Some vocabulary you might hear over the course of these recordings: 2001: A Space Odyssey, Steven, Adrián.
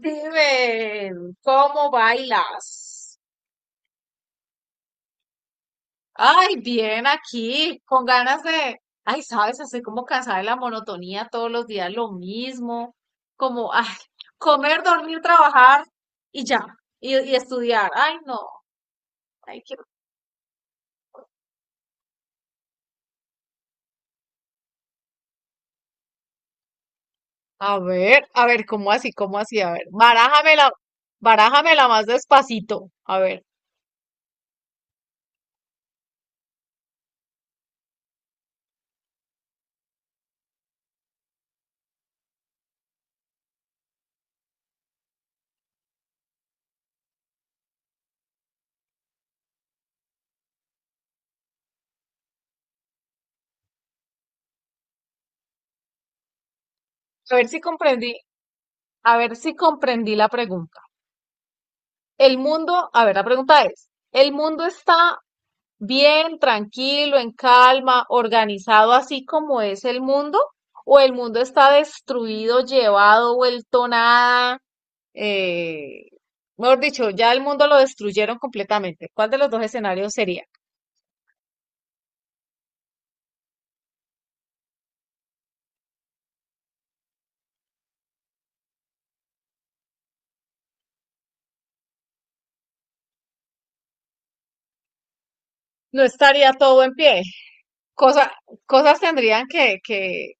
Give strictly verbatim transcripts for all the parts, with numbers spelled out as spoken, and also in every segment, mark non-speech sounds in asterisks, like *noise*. Steven, ¿cómo bailas? Ay, bien aquí, con ganas de, ay, sabes, estoy como cansada de la monotonía, todos los días lo mismo, como, ay, comer, dormir, trabajar y ya, y, y estudiar. Ay, no, ay, quiero. A ver, a ver, ¿cómo así? ¿Cómo así? A ver, barájamela, barájamela más despacito. A ver, a ver si comprendí, a ver si comprendí la pregunta. El mundo, a ver, la pregunta es, ¿el mundo está bien, tranquilo, en calma, organizado así como es el mundo, o el mundo está destruido, llevado, vuelto nada, eh, mejor dicho, ya el mundo lo destruyeron completamente? ¿Cuál de los dos escenarios sería? No estaría todo en pie. Cosa- Cosas tendrían que, que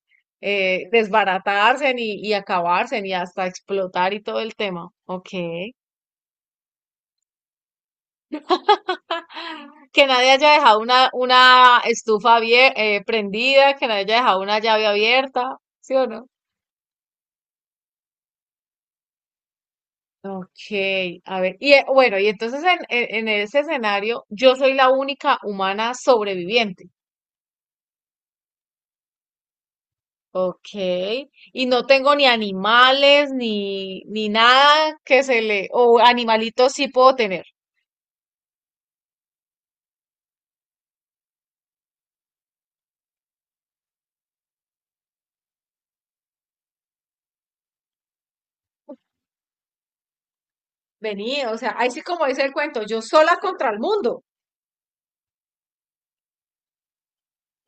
eh, desbaratarse y, y acabarse y hasta explotar y todo el tema. Ok. *laughs* Que nadie haya dejado una, una estufa abier- eh, prendida, que nadie haya dejado una llave abierta, ¿sí o no? Ok, a ver, y eh, bueno, y entonces en, en, en ese escenario yo soy la única humana sobreviviente. Ok, y no tengo ni animales, ni, ni nada que se le, o animalitos sí puedo tener. Vení, o sea, ahí sí como dice el cuento, yo sola contra el mundo.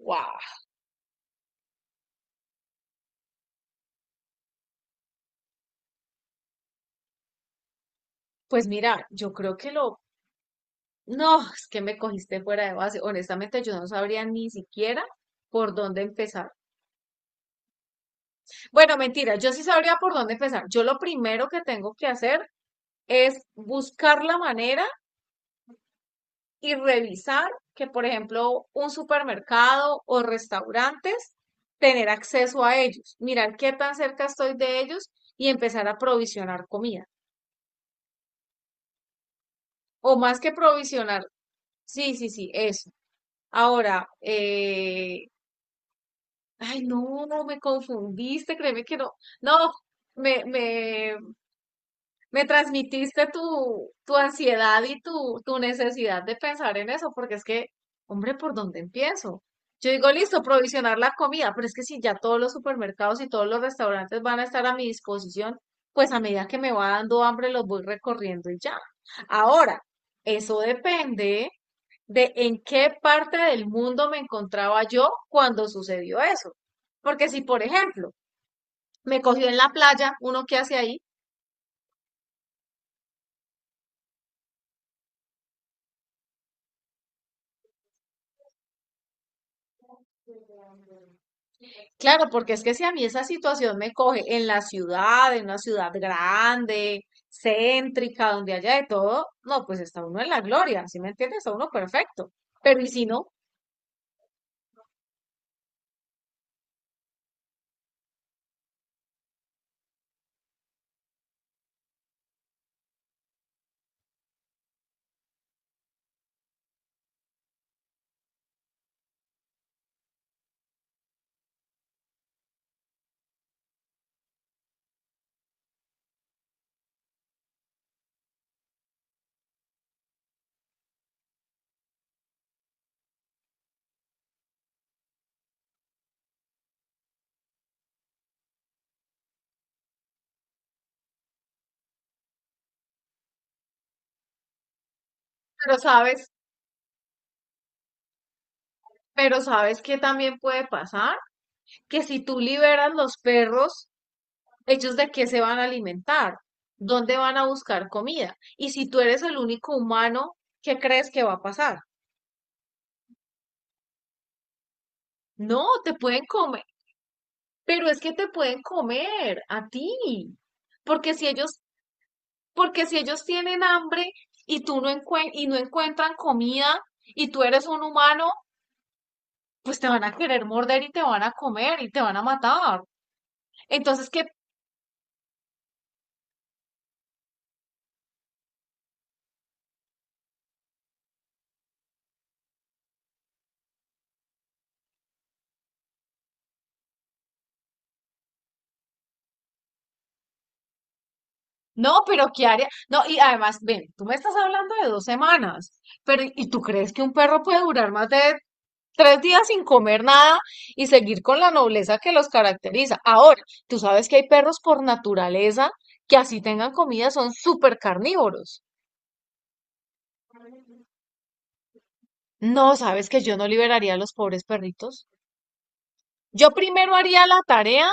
Guau. Pues mira, yo creo que lo. No, es que me cogiste fuera de base. Honestamente, yo no sabría ni siquiera por dónde empezar. Bueno, mentira, yo sí sabría por dónde empezar. Yo lo primero que tengo que hacer es buscar la manera y revisar que, por ejemplo, un supermercado o restaurantes, tener acceso a ellos, mirar qué tan cerca estoy de ellos y empezar a provisionar comida. O más que provisionar, sí, sí, sí, eso. Ahora, eh, ay, no, no me confundiste, créeme que no. No, me, me, me transmitiste tu, tu ansiedad y tu, tu necesidad de pensar en eso, porque es que, hombre, ¿por dónde empiezo? Yo digo, listo, provisionar la comida, pero es que si ya todos los supermercados y todos los restaurantes van a estar a mi disposición, pues a medida que me va dando hambre los voy recorriendo y ya. Ahora, eso depende de en qué parte del mundo me encontraba yo cuando sucedió eso. Porque si, por ejemplo, me cogió en la playa, uno qué hace ahí, claro, porque es que si a mí esa situación me coge en la ciudad, en una ciudad grande, céntrica, donde haya de todo, no, pues está uno en la gloria, ¿sí me entiendes? Está uno perfecto. Pero y si no, pero sabes, pero sabes que también puede pasar, que si tú liberas los perros, ¿ellos de qué se van a alimentar? ¿Dónde van a buscar comida? Y si tú eres el único humano, ¿qué crees que va a pasar? No, te pueden comer, pero es que te pueden comer a ti. Porque si ellos, porque si ellos tienen hambre y tú no encuen- y no encuentran comida y tú eres un humano, pues te van a querer morder y te van a comer y te van a matar. Entonces, ¿qué? No, pero ¿qué haría? No, y además, ven, tú me estás hablando de dos semanas, pero ¿y tú crees que un perro puede durar más de tres días sin comer nada y seguir con la nobleza que los caracteriza? Ahora, tú sabes que hay perros por naturaleza que así tengan comida son súper carnívoros. No, sabes que yo no liberaría a los pobres perritos. Yo primero haría la tarea.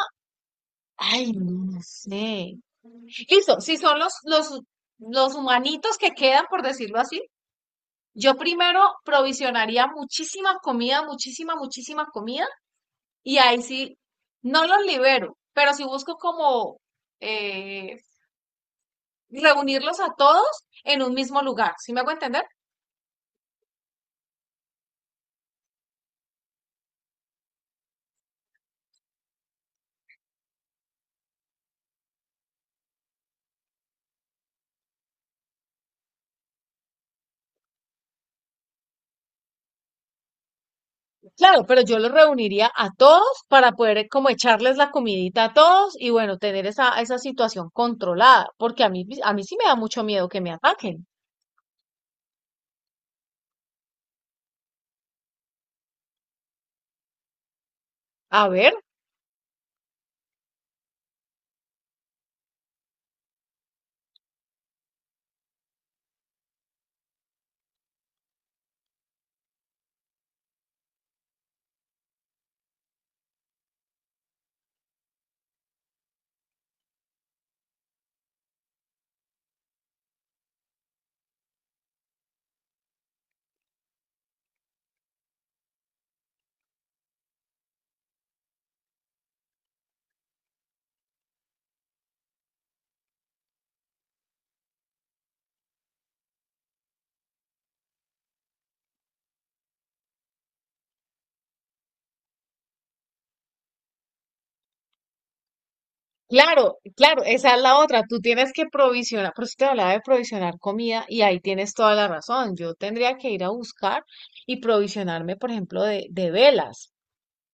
Ay, no, no sé. Listo, si son los, los, los humanitos que quedan, por decirlo así, yo primero provisionaría muchísima comida, muchísima, muchísima comida, y ahí sí, no los libero, pero sí busco como eh, reunirlos a todos en un mismo lugar, ¿sí me hago entender? Claro, pero yo los reuniría a todos para poder eh, como echarles la comidita a todos y bueno, tener esa, esa situación controlada, porque a mí, a mí sí me da mucho miedo que me ataquen. A ver. Claro, claro, esa es la otra. Tú tienes que provisionar, por eso te hablaba de provisionar comida y ahí tienes toda la razón. Yo tendría que ir a buscar y provisionarme, por ejemplo, de, de velas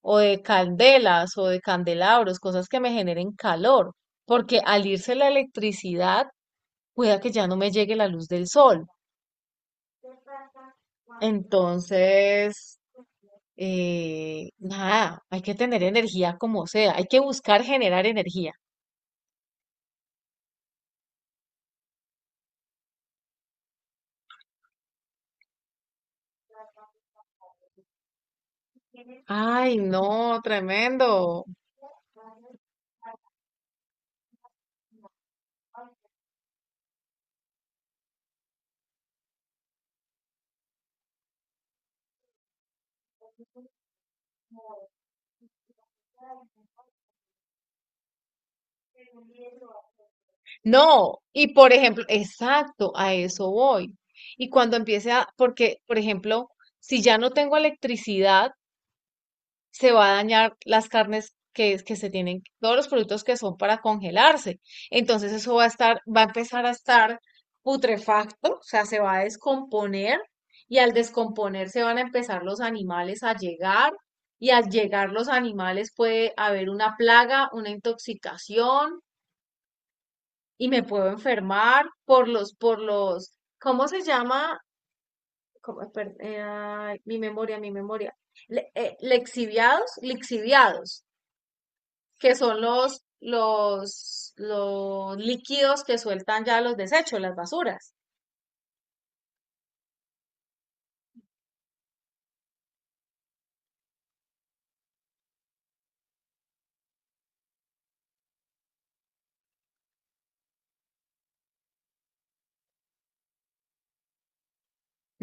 o de candelas o de candelabros, cosas que me generen calor, porque al irse la electricidad, cuida que ya no me llegue la luz del sol. Entonces, eh, nada, hay que tener energía como sea, hay que buscar generar energía. Ay, no, tremendo. No, y por ejemplo, exacto, a eso voy. Y cuando empiece a, porque, por ejemplo, si ya no tengo electricidad, se va a dañar las carnes que, es- que se tienen, todos los productos que son para congelarse. Entonces eso va a estar, va a empezar a estar putrefacto, o sea, se va a descomponer y al descomponerse van a empezar los animales a llegar y al llegar los animales puede haber una plaga, una intoxicación y me puedo enfermar por los, por los, ¿cómo se llama? ¿Cómo? Per- eh, ay, mi memoria, mi memoria. Le- eh, lexiviados, lixiviados que son los, los, los líquidos que sueltan ya los desechos, las basuras.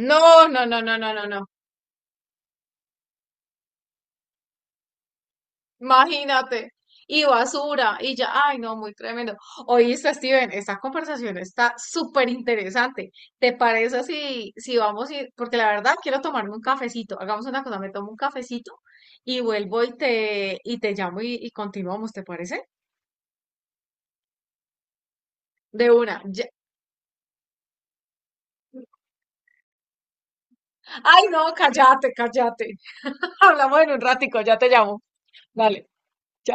No, no, no, no, no, no, no. Imagínate. Y basura, y ya, ay, no, muy tremendo. Oíste, Steven, esta conversación está súper interesante. ¿Te parece si, si vamos a ir? Porque la verdad quiero tomarme un cafecito. Hagamos una cosa, me tomo un cafecito y vuelvo y te, y te llamo y, y continuamos, ¿te parece? De una. Ya. Ay, no, cállate, cállate. *laughs* Hablamos en un ratico, ya te llamo. Vale, chao.